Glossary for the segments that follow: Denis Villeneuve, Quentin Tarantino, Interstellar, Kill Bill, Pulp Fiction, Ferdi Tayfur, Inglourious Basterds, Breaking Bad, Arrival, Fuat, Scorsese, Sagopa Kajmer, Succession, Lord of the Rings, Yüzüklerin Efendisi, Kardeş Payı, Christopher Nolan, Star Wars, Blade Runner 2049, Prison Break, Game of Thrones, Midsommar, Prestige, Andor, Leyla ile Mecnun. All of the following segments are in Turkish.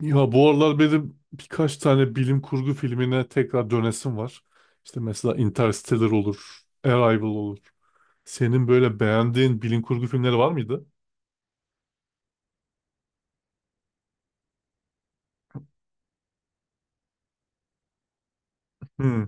Ya bu aralar benim birkaç tane bilim kurgu filmine tekrar dönesim var. İşte mesela Interstellar olur, Arrival olur. Senin böyle beğendiğin bilim kurgu filmleri var mıydı? Hmm,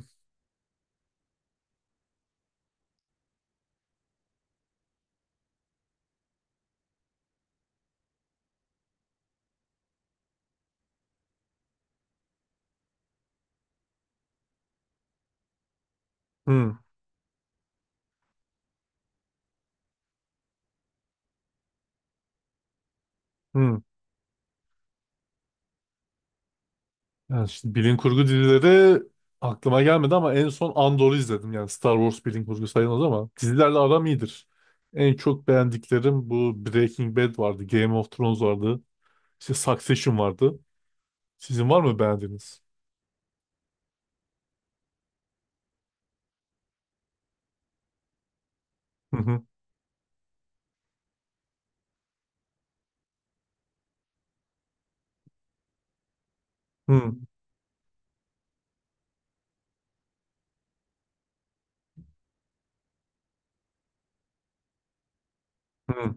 hmm, hmm. Yani şimdi bilim kurgu dizileri aklıma gelmedi ama en son Andor'u izledim. Yani Star Wars bilim kurgu sayılmaz ama dizilerle aram iyidir. En çok beğendiklerim bu Breaking Bad vardı, Game of Thrones vardı, işte Succession vardı. Sizin var mı beğendiğiniz? Hı hı, hı hı,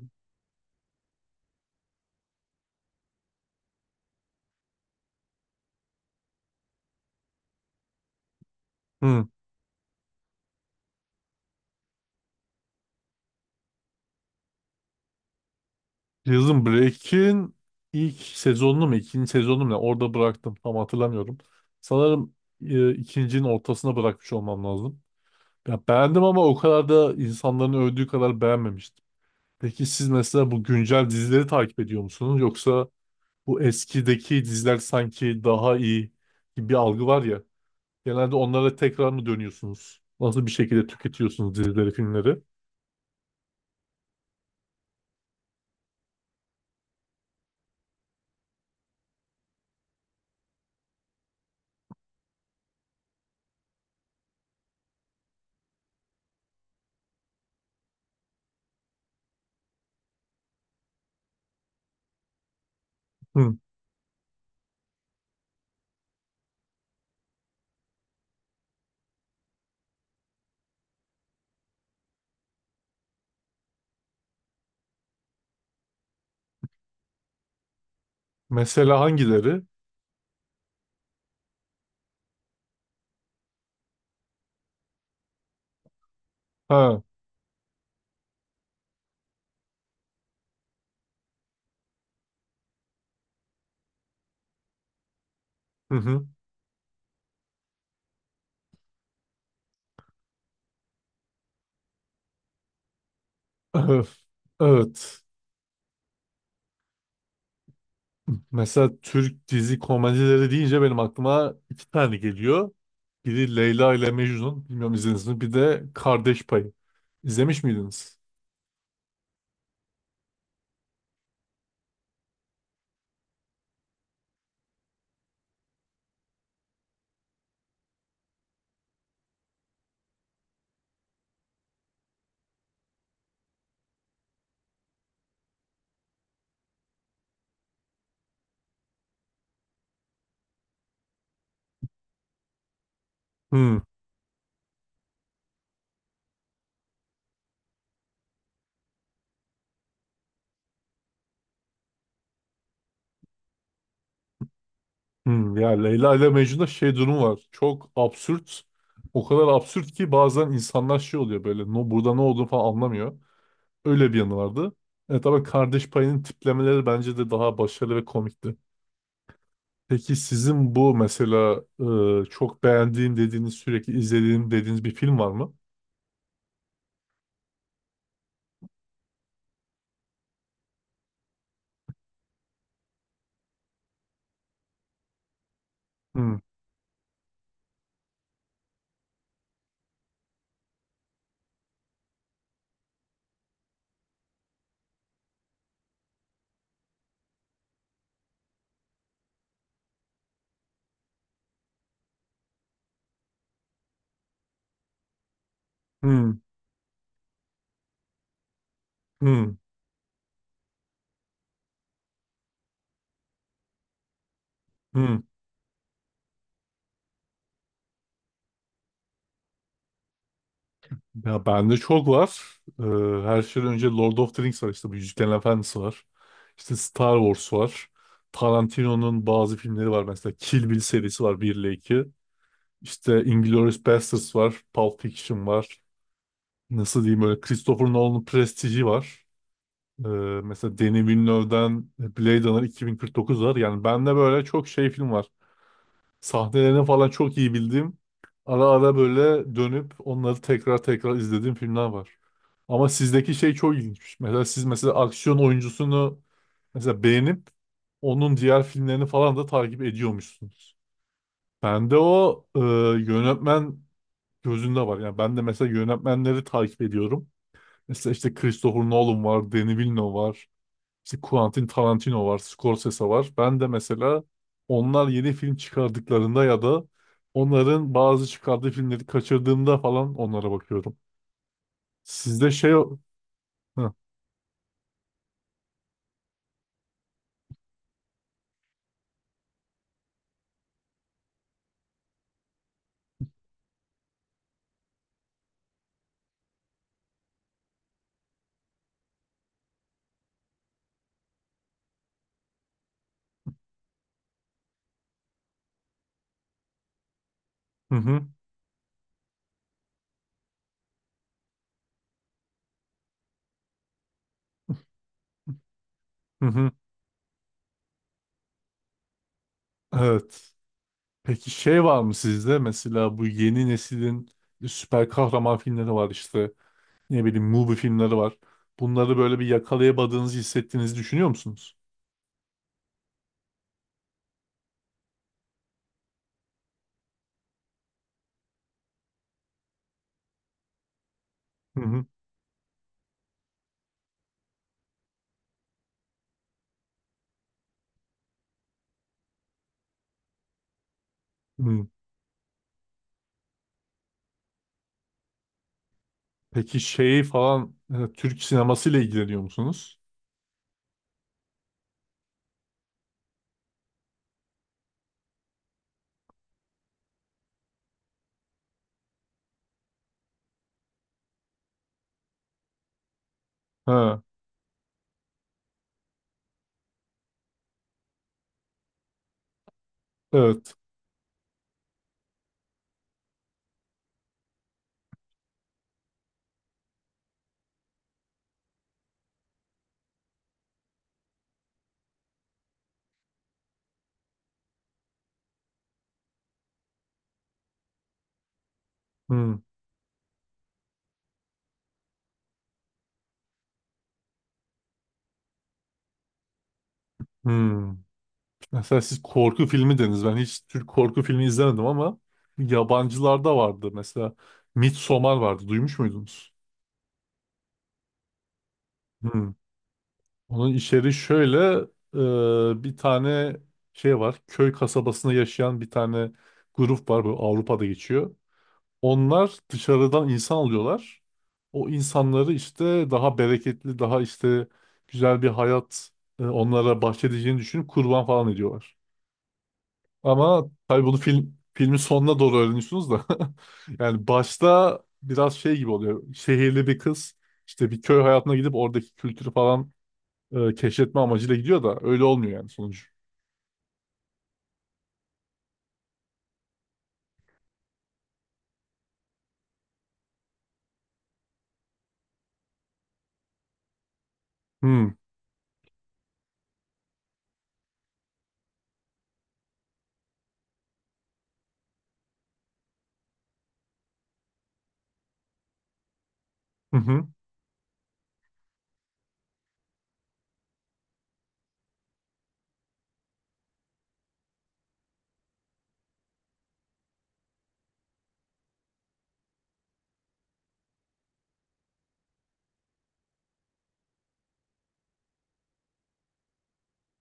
hı. Prison Break'in ilk sezonunu mu ikinci sezonunu mu ne? Orada bıraktım, tam hatırlamıyorum. Sanırım ikincinin ortasına bırakmış olmam lazım. Ya beğendim ama o kadar da insanların övdüğü kadar beğenmemiştim. Peki siz mesela bu güncel dizileri takip ediyor musunuz? Yoksa bu eskideki diziler sanki daha iyi gibi bir algı var ya. Genelde onlara tekrar mı dönüyorsunuz? Nasıl bir şekilde tüketiyorsunuz dizileri, filmleri? Hı. Mesela hangileri? Ha. Hı hı. Evet. Mesela Türk dizi komedileri deyince benim aklıma iki tane geliyor. Biri Leyla ile Mecnun. Bilmiyorum, izlediniz mi? Bir de Kardeş Payı. İzlemiş miydiniz? Hmm, hmm. Ya Leyla ile Mecnun'da şey durum var. Çok absürt. O kadar absürt ki bazen insanlar şey oluyor böyle. No, burada ne olduğunu falan anlamıyor. Öyle bir yanı vardı. E tabii Kardeş Payı'nın tiplemeleri bence de daha başarılı ve komikti. Peki sizin bu mesela çok beğendiğim dediğiniz, sürekli izlediğim dediğiniz bir film var mı? Hmm. Hmm, hmm, hmm. Ya bende çok var. Her şeyden önce Lord of the Rings var, işte bu Yüzüklerin Efendisi var. İşte Star Wars var. Tarantino'nun bazı filmleri var, mesela Kill Bill serisi var, 1 ile 2. İşte Inglourious Basterds var. Pulp Fiction var. Nasıl diyeyim, böyle Christopher Nolan'ın Prestige'i var. Ee, Mesela Denis Villeneuve'den Blade Runner 2049 var. Yani bende böyle çok şey film var. Sahnelerini falan çok iyi bildiğim, ara ara böyle dönüp onları tekrar tekrar izlediğim filmler var. Ama sizdeki şey çok ilginçmiş. Mesela siz mesela aksiyon oyuncusunu mesela beğenip onun diğer filmlerini falan da takip ediyormuşsunuz. Bende o yönetmen gözünde var. Yani ben de mesela yönetmenleri takip ediyorum. Mesela işte Christopher Nolan var, Denis Villeneuve var. İşte Quentin Tarantino var, Scorsese var. Ben de mesela onlar yeni film çıkardıklarında ya da onların bazı çıkardığı filmleri kaçırdığımda falan onlara bakıyorum. Sizde şey. Hı, hı, hı, hı. Hı. Evet. Peki şey var mı sizde? Mesela bu yeni neslin süper kahraman filmleri var işte. Ne bileyim movie filmleri var. Bunları böyle bir yakalayamadığınızı hissettiğinizi düşünüyor musunuz? Hı hı. Hı. Peki şey falan Türk sinemasıyla ilgileniyor musunuz? He. Evet. Hmm, hmm. Mesela siz korku filmi dediniz. Ben hiç Türk korku filmi izlemedim ama yabancılarda vardı. Mesela Midsommar vardı. Duymuş muydunuz? Hmm. Onun içeriği şöyle, bir tane şey var. Köy kasabasında yaşayan bir tane grup var. Böyle Avrupa'da geçiyor. Onlar dışarıdan insan alıyorlar. O insanları işte daha bereketli, daha işte güzel bir hayat onlara bahşedeceğini düşünüp kurban falan ediyorlar. Ama tabii bunu filmin sonuna doğru öğreniyorsunuz da. Yani başta biraz şey gibi oluyor. Şehirli bir kız işte bir köy hayatına gidip oradaki kültürü falan keşfetme amacıyla gidiyor da öyle olmuyor yani sonucu. Hmm. Hı hı.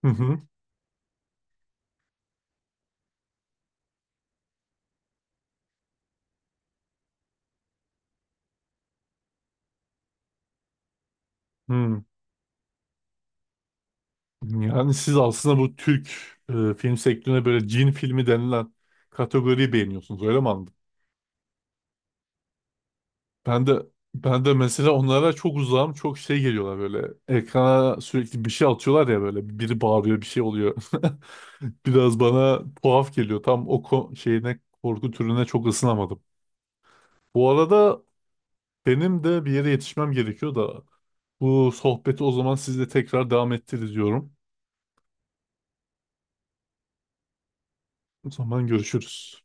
Hı hı. Hı. Yani siz aslında bu Türk film sektörüne böyle cin filmi denilen kategoriyi beğeniyorsunuz, öyle mi? Ben de ben de mesela onlara çok uzağım. Çok şey geliyorlar böyle. Ekrana sürekli bir şey atıyorlar ya böyle. Biri bağırıyor, bir şey oluyor. Biraz bana tuhaf geliyor. Tam o şeyine, korku türüne çok ısınamadım. Bu arada benim de bir yere yetişmem gerekiyor da bu sohbeti o zaman sizle tekrar devam ettiririz diyorum. O zaman görüşürüz.